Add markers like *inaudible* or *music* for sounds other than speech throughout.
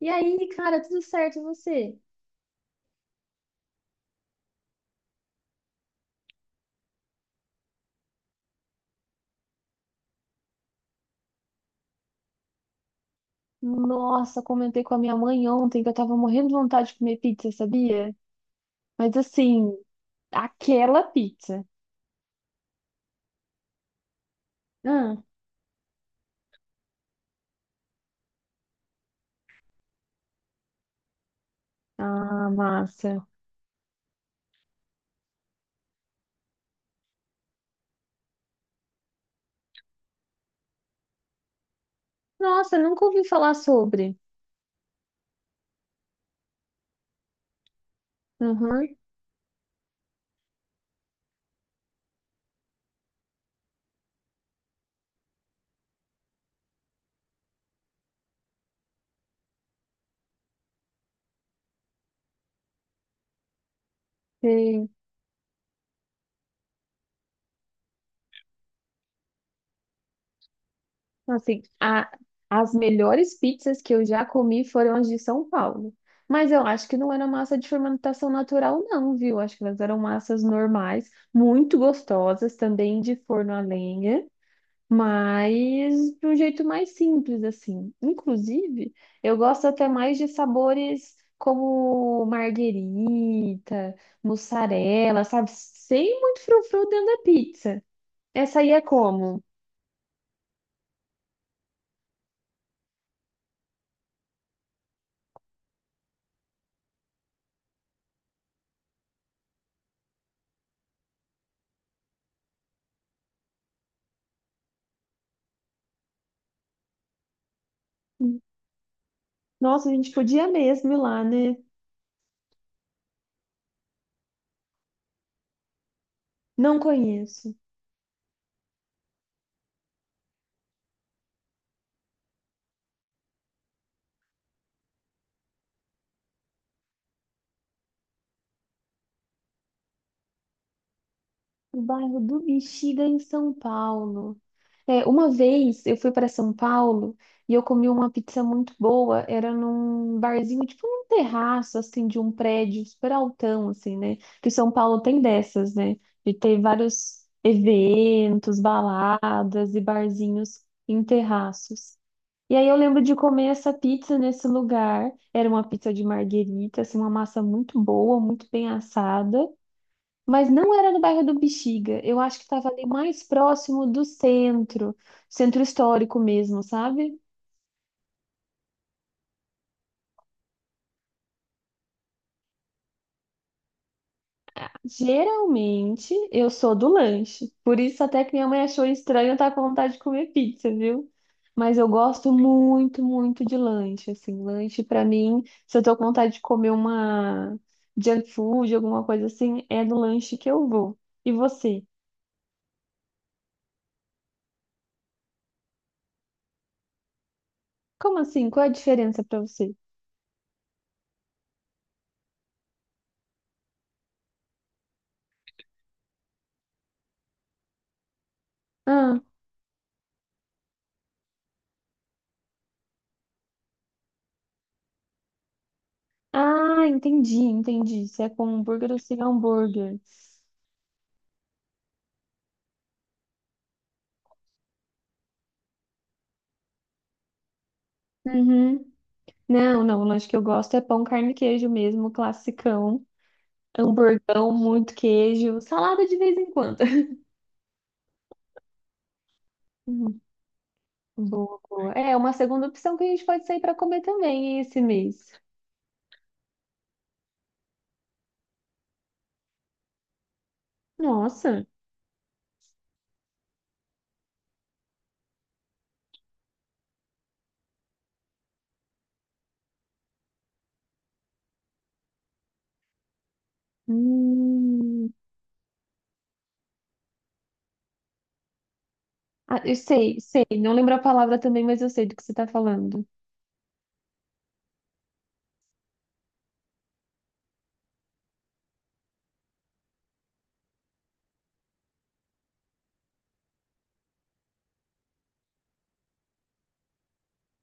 E aí, cara, tudo certo, e você? Nossa, comentei com a minha mãe ontem que eu tava morrendo de vontade de comer pizza, sabia? Mas assim, aquela pizza. Ah, ah, massa. Nossa, nunca ouvi falar sobre. Uhum, sei. Assim, as melhores pizzas que eu já comi foram as de São Paulo. Mas eu acho que não era massa de fermentação natural, não, viu? Acho que elas eram massas normais, muito gostosas, também de forno a lenha, mas de um jeito mais simples, assim. Inclusive, eu gosto até mais de sabores como marguerita, mussarela, sabe? Sem muito frufru dentro da pizza. Essa aí é como? Nossa, a gente podia mesmo ir lá, né? Não conheço. O bairro do Bexiga, em São Paulo. É, uma vez eu fui para São Paulo e eu comi uma pizza muito boa. Era num barzinho, tipo num terraço, assim, de um prédio super altão, assim, né? Que São Paulo tem dessas, né? De ter vários eventos, baladas e barzinhos em terraços. E aí eu lembro de comer essa pizza nesse lugar. Era uma pizza de marguerita, assim, uma massa muito boa, muito bem assada. Mas não era no bairro do Bexiga. Eu acho que estava ali mais próximo do centro, centro histórico mesmo, sabe? Geralmente eu sou do lanche. Por isso até que minha mãe achou estranho eu estar com vontade de comer pizza, viu? Mas eu gosto muito, muito de lanche, assim, lanche pra mim, se eu tô com vontade de comer uma junk food, alguma coisa assim, é no lanche que eu vou. E você? Como assim? Qual é a diferença pra você? Ah, entendi, entendi. Se é com hambúrguer ou sem hambúrguer. Uhum. Não, não, o lanche que eu gosto é pão, carne e queijo mesmo, classicão. Hamburgão, muito queijo, salada de vez em quando. *laughs* Hum. Boa, boa. É uma segunda opção que a gente pode sair para comer também hein, esse mês. Nossa. Hum. Ah, eu sei, sei. Não lembro a palavra também, mas eu sei do que você está falando.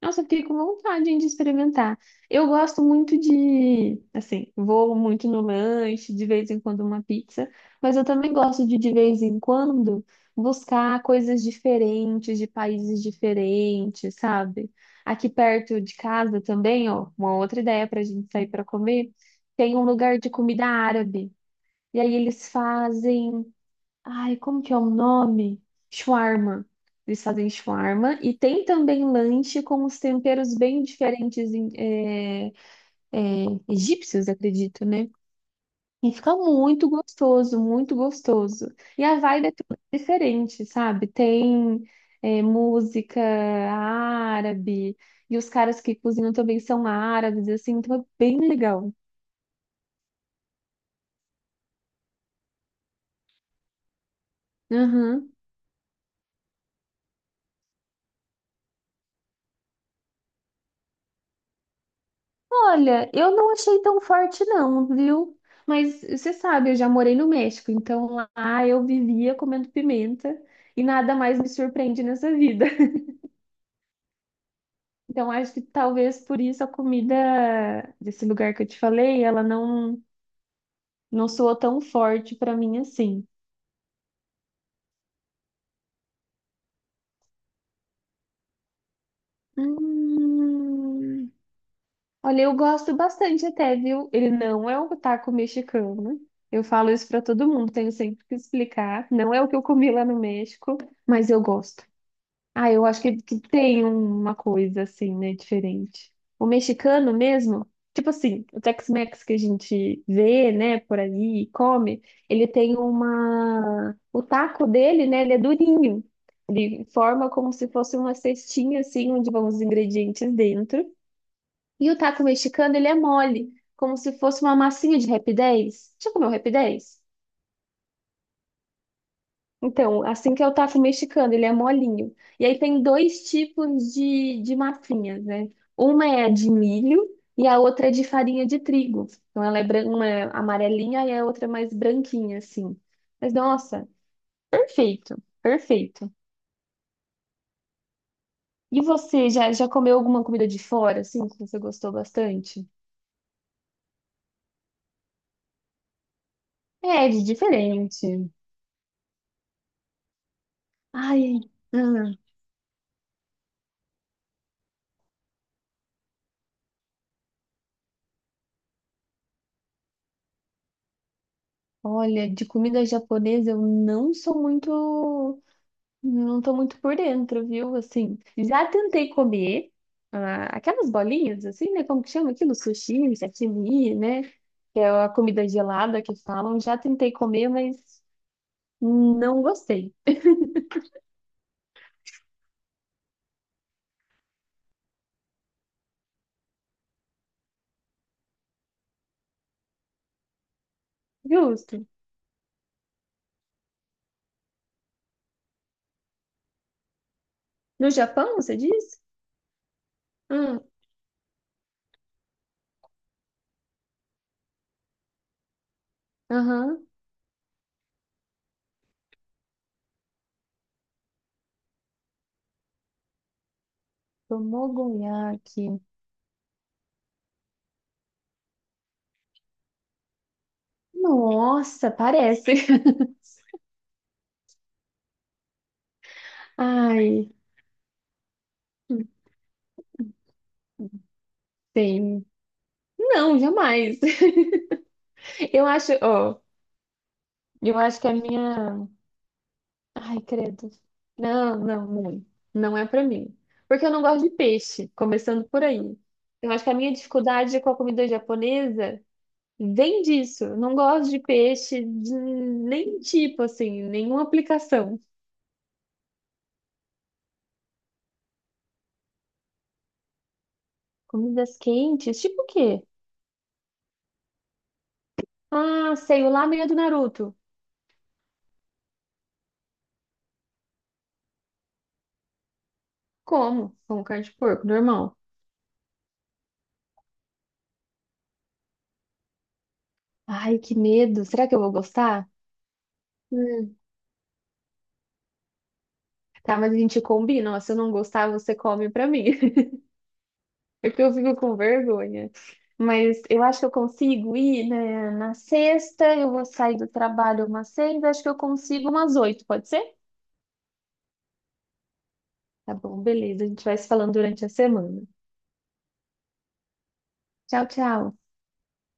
Nossa, eu fiquei com vontade, hein, de experimentar. Eu gosto muito de, assim, vou muito no lanche, de vez em quando uma pizza, mas eu também gosto de, vez em quando, buscar coisas diferentes, de países diferentes, sabe? Aqui perto de casa também, ó, uma outra ideia pra gente sair pra comer, tem um lugar de comida árabe. E aí eles fazem... Ai, como que é o nome? Shawarma. Eles fazem shawarma e tem também lanche com os temperos bem diferentes é, egípcios, acredito, né? E fica muito gostoso, muito gostoso. E a vibe é toda diferente, sabe? Tem é, música árabe e os caras que cozinham também são árabes, assim, então é bem legal. Olha, eu não achei tão forte não, viu? Mas você sabe, eu já morei no México, então lá eu vivia comendo pimenta e nada mais me surpreende nessa vida. *laughs* Então acho que talvez por isso a comida desse lugar que eu te falei, ela não soou tão forte pra mim assim. Hum, olha, eu gosto bastante até, viu? Ele não é um taco mexicano. Eu falo isso pra todo mundo, tenho sempre que explicar. Não é o que eu comi lá no México, mas eu gosto. Ah, eu acho que tem uma coisa assim, né, diferente. O mexicano mesmo, tipo assim, o Tex-Mex que a gente vê, né, por aí e come, ele tem uma... O taco dele, né, ele é durinho. Ele forma como se fosse uma cestinha, assim, onde vão os ingredientes dentro. E o taco mexicano, ele é mole, como se fosse uma massinha de Rap 10. Já comeu Rap 10? Então, assim que é o taco mexicano, ele é molinho. E aí tem dois tipos de massinhas, né? Uma é a de milho e a outra é de farinha de trigo. Então, ela é uma é amarelinha e a outra é mais branquinha, assim. Mas, nossa, perfeito, perfeito. E você, já, já comeu alguma comida de fora, assim, que você gostou bastante? É, de diferente. Ai, ah, olha, de comida japonesa eu não sou muito. Não tô muito por dentro, viu? Assim, já tentei comer ah, aquelas bolinhas, assim, né? Como que chama aquilo? Sushi, sashimi, né? Que é a comida gelada que falam. Já tentei comer, mas não gostei. Justo. No Japão, você diz? Hum. Aham. Tomogoyaki. Nossa, parece. *laughs* Ai, tem. Não, jamais. *laughs* Eu acho, ó, eu acho que a minha... Ai, credo. Não, não, não. Não é pra mim. Porque eu não gosto de peixe, começando por aí. Eu acho que a minha dificuldade com a comida japonesa vem disso. Eu não gosto de peixe de nem tipo, assim, nenhuma aplicação. Comidas quentes, tipo o quê? Ah, sei, o lamen do Naruto. Como? Como carne de porco, normal. Ai, que medo. Será que eu vou gostar? Hum. Tá, mas a gente combina. Ó, se eu não gostar, você come pra mim. É que eu fico com vergonha. Mas eu acho que eu consigo ir, né, na sexta, eu vou sair do trabalho umas seis, acho que eu consigo umas oito, pode ser? Tá bom, beleza. A gente vai se falando durante a semana. Tchau, tchau.